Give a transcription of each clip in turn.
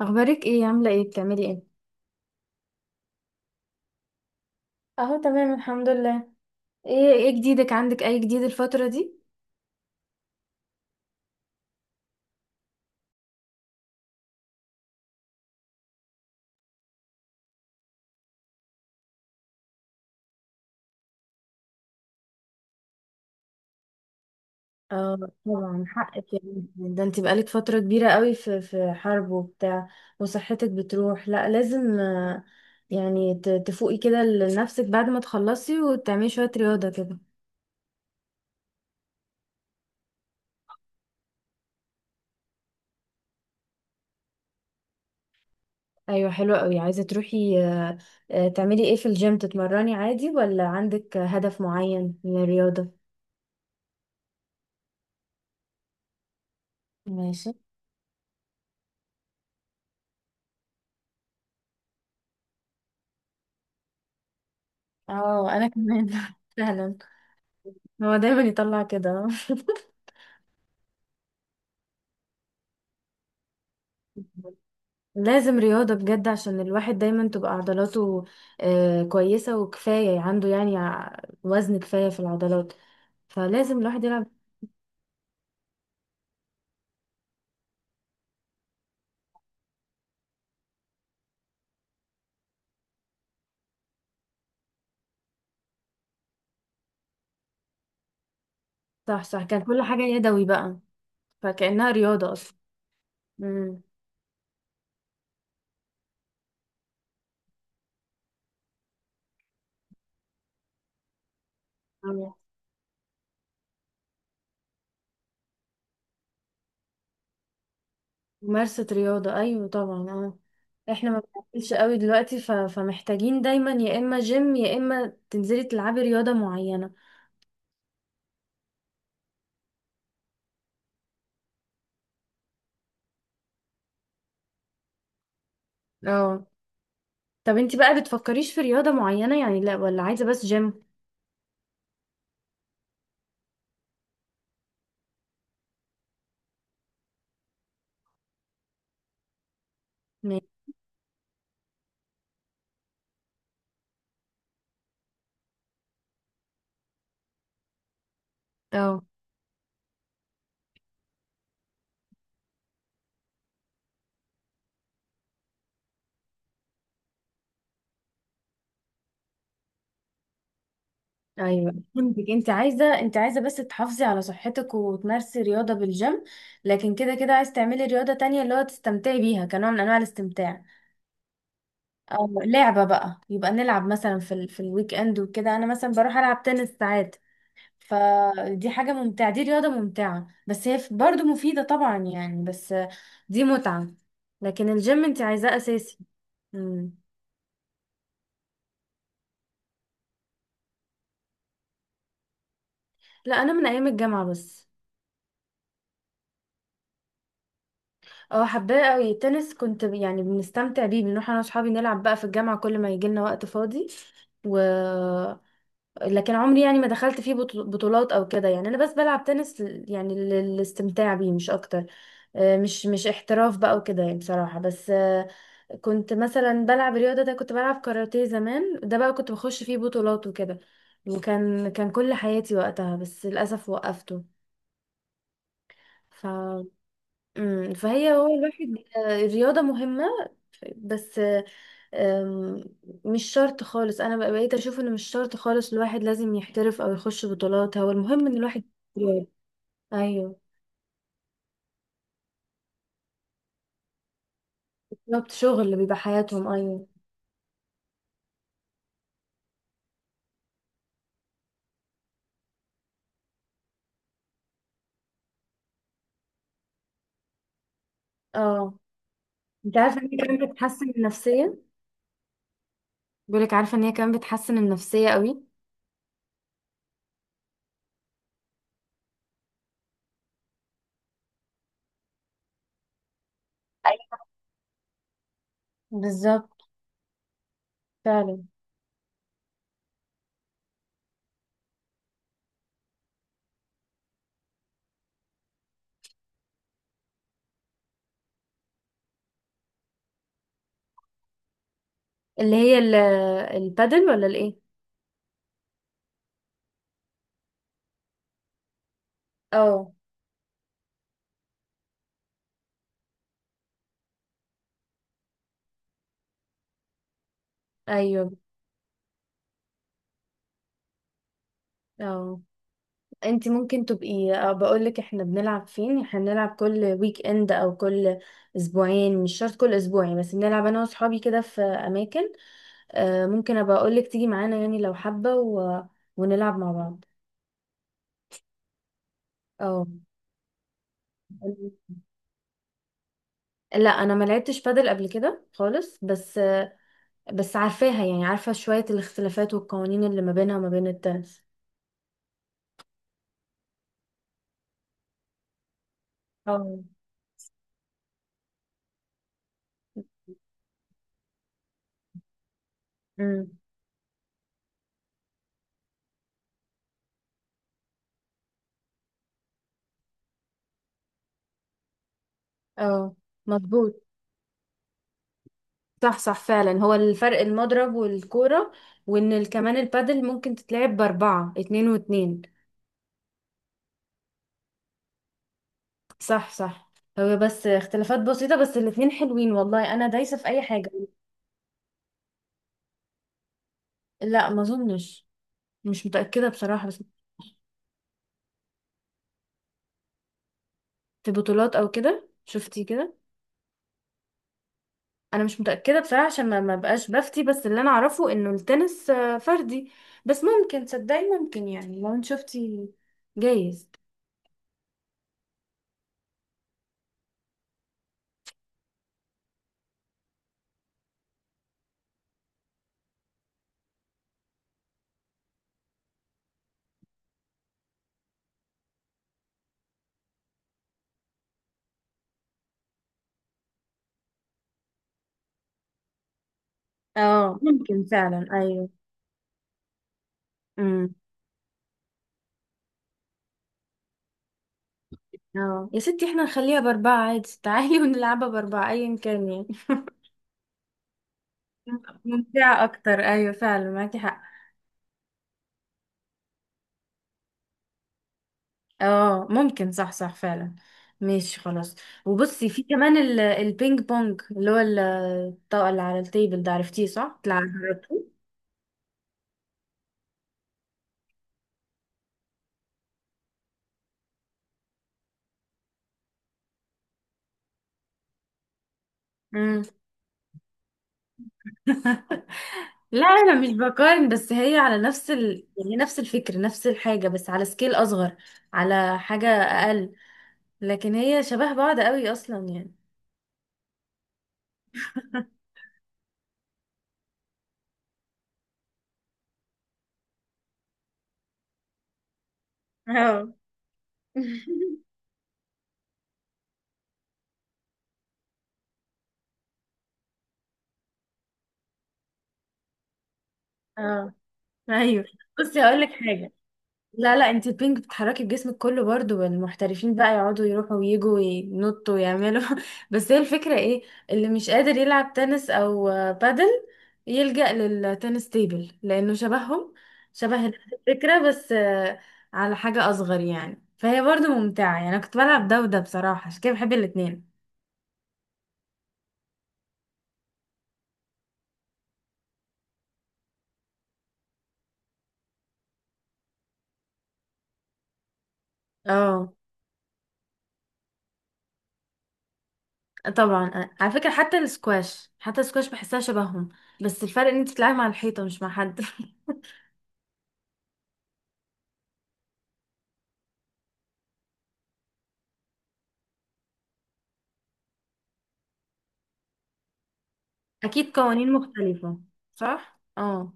اخبارك ايه؟ عامله ايه؟ بتعملي ايه؟ اهو تمام الحمد لله. ايه ايه جديدك؟ عندك اي جديد الفتره دي؟ اه طبعا حقك، يعني ده انت بقالك فتره كبيره قوي في حرب وبتاع، وصحتك بتروح، لا لازم آه، يعني تفوقي كده لنفسك بعد ما تخلصي وتعملي شويه رياضه كده. ايوه حلوه قوي، عايزه تروحي آه، آه، تعملي ايه في الجيم؟ تتمرني عادي ولا عندك هدف معين من الرياضه؟ ماشي. اه انا كمان سهلا. هو دايما يطلع كده. لازم رياضة بجد، عشان الواحد دايما تبقى عضلاته آه، كويسة وكفاية عنده، يعني وزن كفاية في العضلات، فلازم الواحد يلعب. صح صح، كان كل حاجة يدوي بقى، فكأنها رياضة أصلا. امم. أيوة، ممارسة رياضة أيوة طبعا اه. احنا ما بنعملش قوي دلوقتي ف... فمحتاجين دايما يا إما جيم يا إما تنزلي تلعبي رياضة معينة. اه. طب انتي بقى بتفكريش في رياضة معينة يعني، لا ولا عايزة بس جيم؟ اه، ايوه فهمتك، انت عايزه بس تحافظي على صحتك وتمارسي رياضه بالجيم، لكن كده كده عايز تعملي رياضه تانية اللي هو تستمتعي بيها كنوع من انواع الاستمتاع. او لعبه بقى، يبقى نلعب مثلا في ال... في الويك اند وكده، انا مثلا بروح العب تنس ساعات، فدي حاجه ممتعه، دي رياضه ممتعه بس هي برضو مفيده طبعا يعني، بس دي متعه، لكن الجيم انت عايزاه اساسي. مم. لا، انا من ايام الجامعه بس. اه حباه قوي التنس، كنت يعني بنستمتع بيه، بنروح انا واصحابي نلعب بقى في الجامعه كل ما يجي لنا وقت فاضي، و لكن عمري يعني ما دخلت فيه بطولات او كده، يعني انا بس بلعب تنس يعني للاستمتاع بيه مش اكتر، آه، مش احتراف بقى وكده، يعني بصراحه، بس آه، كنت مثلا بلعب رياضه، ده كنت بلعب كاراتيه زمان، ده بقى كنت بخش فيه بطولات وكده، وكان كل حياتي وقتها، بس للاسف وقفته ف... مم، فهي هو الواحد آه، الرياضه مهمه بس أم، مش شرط خالص، بقيت اشوف انه مش شرط خالص الواحد لازم يحترف او يخش بطولات، هو المهم ان الواحد يجتهد. ايوه. بالظبط، شغل اللي بيبقى حياتهم، ايوه. اه، انت عارفه ان هي كمان بتحسن النفسيه؟ بيقولك عارفه ان هي كمان بتحسن النفسيه قوي. أيوة. بالظبط، فعلا. اللي هي ال- البادل ولا الايه؟ اه. ايوه. اه، انت ممكن تبقي، بقول لك احنا بنلعب فين، احنا بنلعب كل ويك اند او كل اسبوعين، مش شرط كل اسبوع يعني، بس بنلعب انا واصحابي كده في اماكن، آه، ممكن ابقى اقول لك تيجي معانا يعني لو حابه، و... ونلعب مع بعض. اه. لا انا ما لعبتش بادل قبل كده خالص، بس آه، بس عارفاها يعني، عارفه شويه الاختلافات والقوانين اللي ما بينها وما بين التنس. اه. امم. اه مظبوط. صح صح فعلا، هو الفرق المضرب والكورة، وان ال- كمان البادل ممكن تتلعب بأربعة، اتنين واتنين. صح صح. هو بس اختلافات بسيطة، بس الاتنين حلوين والله، انا دايسة في اي حاجة. لا ما اظنش، مش متأكدة بصراحة، بس في بطولات او كده شفتي كده؟ انا مش متأكدة بصراحة، عشان ما بقاش بفتي، بس اللي انا اعرفه انه التنس آه، فردي، بس ممكن تصدقي ممكن، يعني لو انت شفتي جايز. اه ممكن فعلا، ايوه. مم. اه يا ستي احنا نخليها بأربعة عادي، تعالي ونلعبها بأربعة أيا كان يعني. ممتعة أكتر، أيوة فعلا معاكي حق. اه ممكن، صح صح فعلا. ماشي خلاص. وبصي، في كمان ال- البينج بونج، اللي هو ال- الطاقة اللي على التيبل ده، عرفتيه صح؟ تلعب؟ جربتيه؟ مم. لا أنا مش بقارن، بس هي على نفس ال... يعني نفس الفكر نفس الحاجة بس على سكيل أصغر، على حاجة أقل، لكن هي شبه بعض قوي أصلا يعني. اه. اه ايوه، بصي هقول لك حاجه، لا لا، انت البينج بتحركي بجسمك كله برضو، والمحترفين بقى يقعدوا يروحوا ويجوا وينطوا ويعملوا بس هي الفكره ايه، اللي مش قادر يلعب تنس او آه، بادل، يلجأ للتنس تيبل لانه شبههم، شبه الفكره بس آه، على حاجه اصغر يعني، فهي برضو ممتعه يعني، انا كنت بلعب ده وده بصراحه، عشان كده بحب الاتنين. اه طبعا، على فكرة حتى السكواش، حتى السكواش بحسها شبههم، بس الفرق ان انت بتلعبي مع الحيطة مش مع حد. اكيد قوانين مختلفة. صح اه.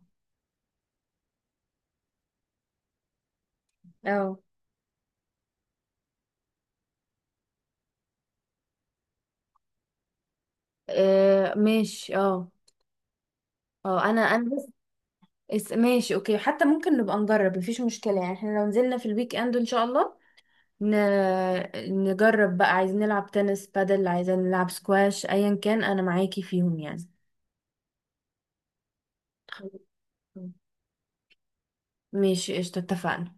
اه آه، ماشي اه. اه انا بس، ماشي اوكي، حتى ممكن نبقى نجرب مفيش مشكلة يعني، احنا لو نزلنا في الويك اند ان شاء الله ن... نجرب بقى، عايزين نلعب تنس، بادل، عايزين نلعب سكواش، ايا كان انا معاكي فيهم يعني. خلاص. ماشي قشطة، اتفقنا.